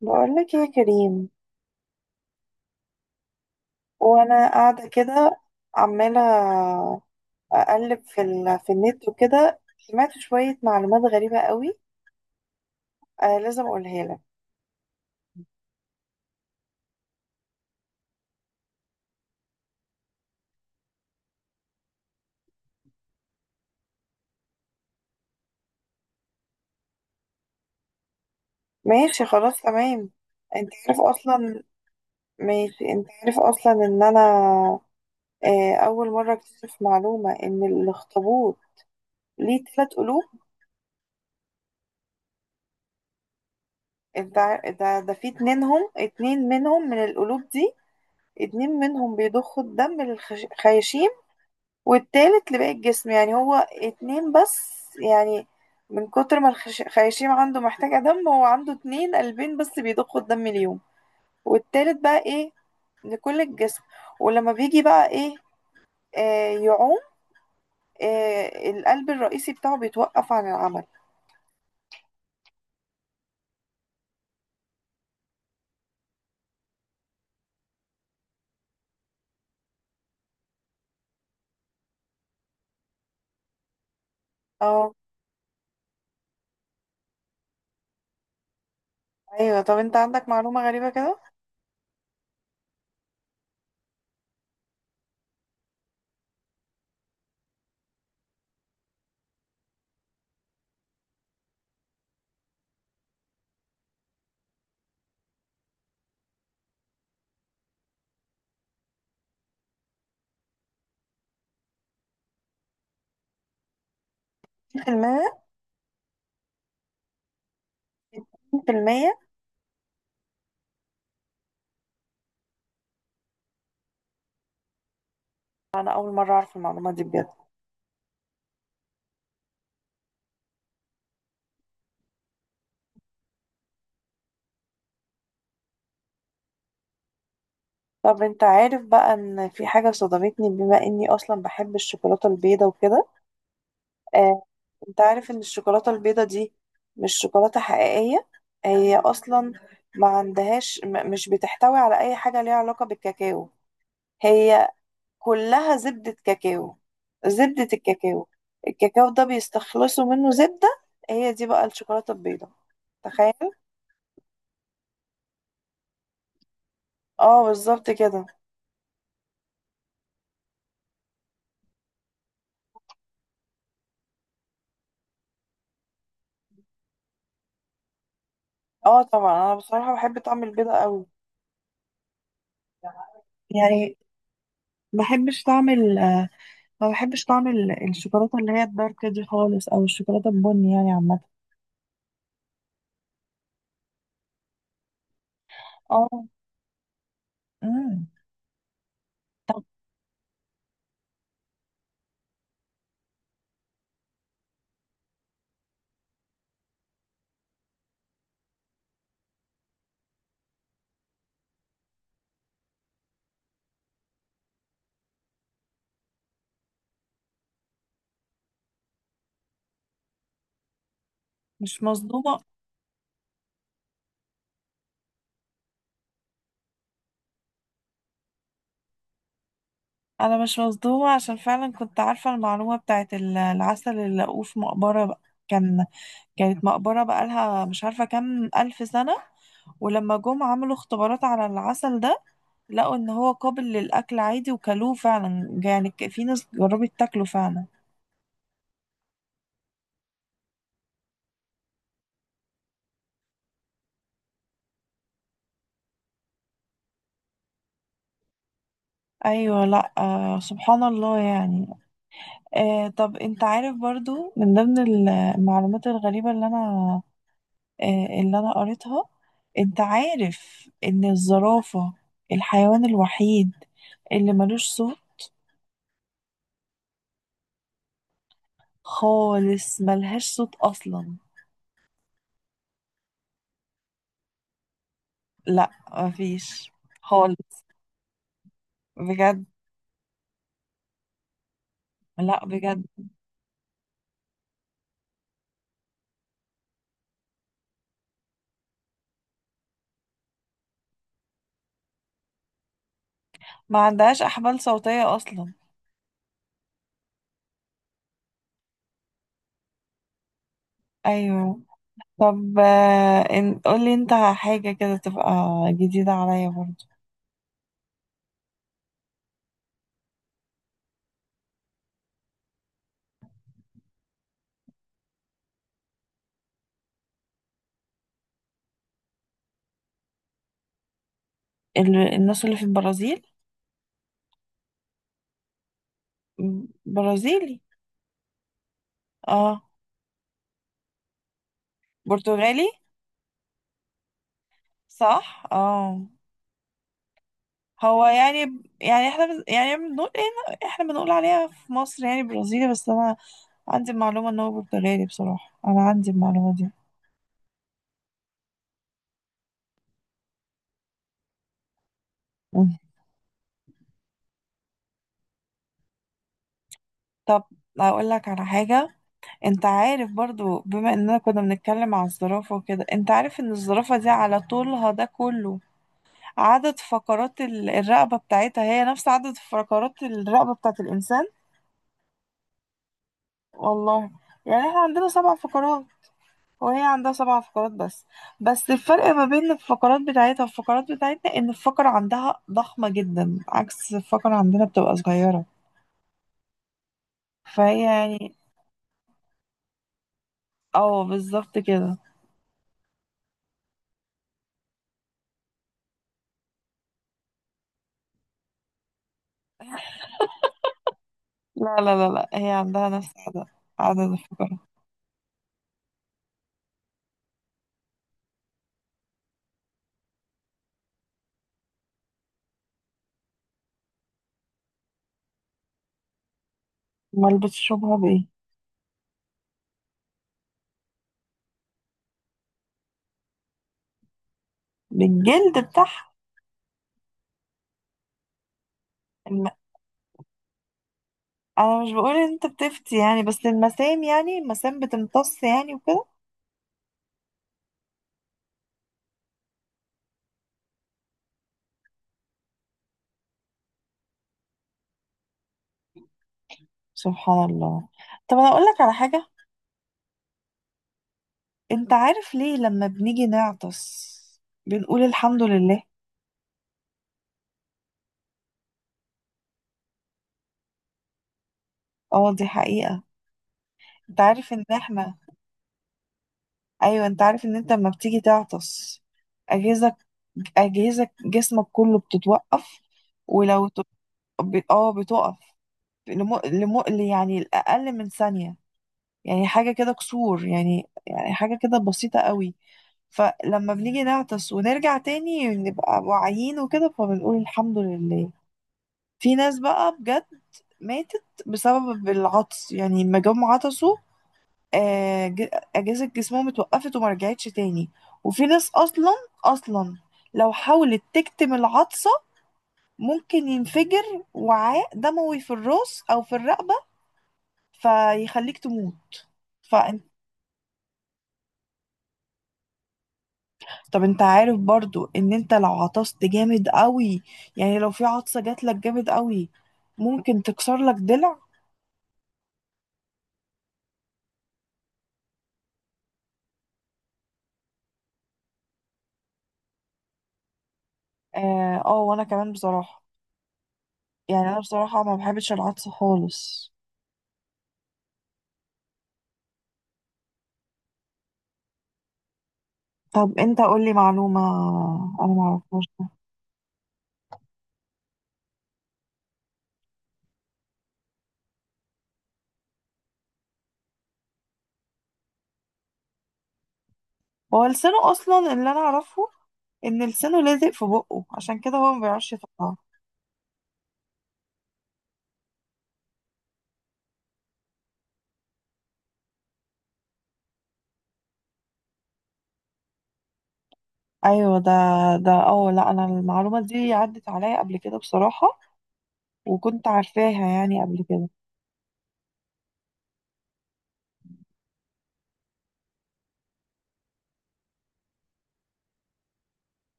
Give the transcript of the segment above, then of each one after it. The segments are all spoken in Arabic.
بقولك يا كريم. وانا قاعده كده عماله اقلب في النت وكده سمعت شويه معلومات غريبه قوي. لازم اقولها لك. ماشي خلاص تمام. انت عارف اصلا ماشي انت عارف اصلا ان انا اول مره اكتشف معلومه ان الاخطبوط ليه تلات قلوب. ده في اتنينهم اتنين منهم من القلوب دي. اتنين منهم بيضخوا الدم للخياشيم، والتالت لباقي الجسم، يعني هو اتنين بس، يعني من كتر ما الخياشيم عنده محتاجة دم، هو عنده اتنين قلبين بس بيضخوا الدم اليوم، والتالت بقى ايه لكل الجسم. ولما بيجي بقى ايه يعوم، القلب الرئيسي بتاعه بيتوقف عن العمل. اه ايوه. طب انت عندك معلومة غريبة كده؟ في المية، في المية. انا اول مرة اعرف المعلومة دي بجد. طب انت عارف بقى ان في حاجة صدمتني بما اني اصلا بحب الشوكولاتة البيضة وكده؟ آه، انت عارف ان الشوكولاتة البيضة دي مش شوكولاتة حقيقية؟ هي اصلا ما عندهاش مش بتحتوي على اي حاجة ليها علاقة بالكاكاو. هي كلها زبدة كاكاو، زبدة الكاكاو، الكاكاو ده بيستخلصوا منه زبدة، هي دي بقى الشوكولاتة البيضة. تخيل. اه بالظبط كده. اه طبعا، انا بصراحة بحب طعم البيضة قوي، يعني ما بحبش طعم ال- ما بحبش طعم الشوكولاتة اللي هي الدارك دي خالص، او الشوكولاتة البني يعني عامة. اه. امم مش مصدومة انا مش مصدومة عشان فعلا كنت عارفة المعلومة بتاعت العسل اللي لقوه في مقبرة بقى. كان كانت مقبرة بقالها مش عارفة كام ألف سنة، ولما جم عملوا اختبارات على العسل ده لقوا ان هو قابل للأكل عادي، وكلوه فعلا، يعني في ناس جربت تاكله فعلا. ايوه لا سبحان الله يعني. طب انت عارف برضو من ضمن المعلومات الغريبة اللي انا آه، اللي أنا قريتها؟ أنت عارف إن الزرافة الحيوان الوحيد اللي ملوش صوت؟ خالص ملهاش صوت أصلا. لا مفيش خالص. بجد. لا بجد. ما عندهاش أحبال صوتية أصلا. أيوه. طب قولي أنت حاجة كده تبقى جديدة عليا برضو. الناس اللي في البرازيل. برازيلي. اه برتغالي صح. اه. هو يعني احنا يعني بنقول ايه، احنا بنقول عليها في مصر يعني برازيلي، بس انا عندي المعلومة ان هو برتغالي، بصراحة انا عندي المعلومة دي. مم. طب اقول لك على حاجة. انت عارف برضو بما اننا كنا بنتكلم على الزرافة وكده، انت عارف ان الزرافة دي على طولها ده كله عدد فقرات الرقبة بتاعتها هي نفس عدد فقرات الرقبة بتاعت الانسان؟ والله، يعني احنا عندنا سبع فقرات، هي عندها سبع فقرات بس، بس الفرق ما بين الفقرات بتاعتها والفقرات بتاعتنا ان الفقرة عندها ضخمة جدا عكس الفقرة عندنا بتبقى صغيرة، فهي يعني. اه بالظبط كده. لا لا لا لا، هي عندها نفس عدد الفقرات. امال بتشربها بايه؟ بالجلد بتاعها. الم... انا مش بقول ان انت بتفتي، يعني بس المسام بتمتص يعني وكده. سبحان الله. طب انا اقول لك على حاجة. انت عارف ليه لما بنيجي نعطس بنقول الحمد لله؟ اه دي حقيقة. انت عارف ان احنا ايوه، انت عارف ان انت لما بتيجي تعطس اجهزك اجهزك جسمك كله بتتوقف؟ ولو ت... بتقف. لم... لم... يعني الاقل من ثانية، يعني حاجة كده كسور، يعني حاجة كده بسيطة قوي. فلما بنيجي نعطس ونرجع تاني نبقى واعيين وكده فبنقول الحمد لله. في ناس بقى بجد ماتت بسبب العطس، يعني لما جم عطسوا آه، ج- أجهزة جسمهم اتوقفت وما رجعتش تاني. وفي ناس أصلا لو حاولت تكتم العطسة ممكن ينفجر وعاء دموي في الراس أو في الرقبة فيخليك تموت. فانت طب انت عارف برضو ان انت لو عطست جامد قوي، يعني لو في عطسة جات لك جامد قوي ممكن تكسر لك ضلع. اه وانا كمان بصراحة، يعني انا بصراحة ما بحبش العطسة خالص. طب انت قولي معلومة انا ما اعرفهاش. هو لسانه اصلا اللي انا اعرفه ان لسانه لازق في بقه عشان كده هو ما بيعرفش يطلعه. ايوه ده اه. لا انا المعلومه دي عدت عليا قبل كده بصراحه، وكنت عارفاها يعني قبل كده.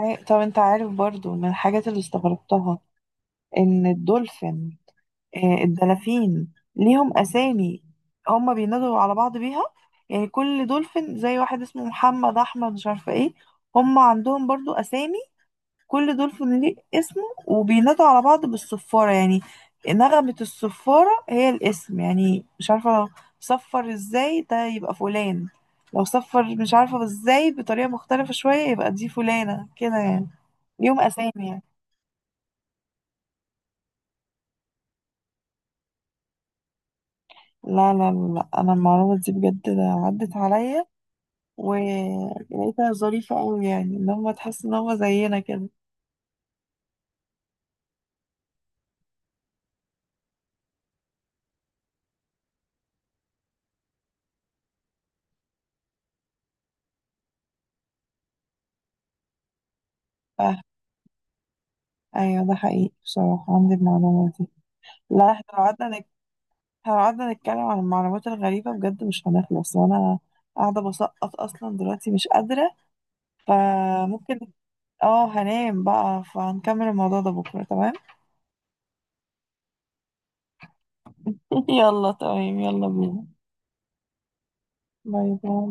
طب انت عارف برضو من الحاجات اللي استغربتها ان الدولفين آه، الدلافين ليهم اسامي؟ هما بينادوا على بعض بيها، يعني كل دولفين زي واحد اسمه محمد احمد مش عارفه ايه، هما عندهم برضو اسامي، كل دول فنليق اسمه وبينادوا على بعض بالصفارة، يعني نغمة الصفارة هي الاسم، يعني مش عارفة لو صفر ازاي ده يبقى فلان، لو صفر مش عارفة ازاي بطريقة مختلفة شوية يبقى دي فلانة كده يعني، ليهم أسامي يعني. لا لا لا لا، أنا المعلومة دي بجد عدت عليا، ولقيتها ظريفة أوي، يعني إن هما تحس إن هما زينا كده. آه، أيوة ده حقيقي بصراحة، عندي المعلومة دي. لا احنا لو قعدنا نتكلم عن المعلومات الغريبة بجد مش هنخلص، وانا قاعدة بسقط اصلا دلوقتي مش قادرة، فممكن اه هنام بقى، فهنكمل الموضوع ده بكرة تمام. يلا تمام يلا بينا. باي باي.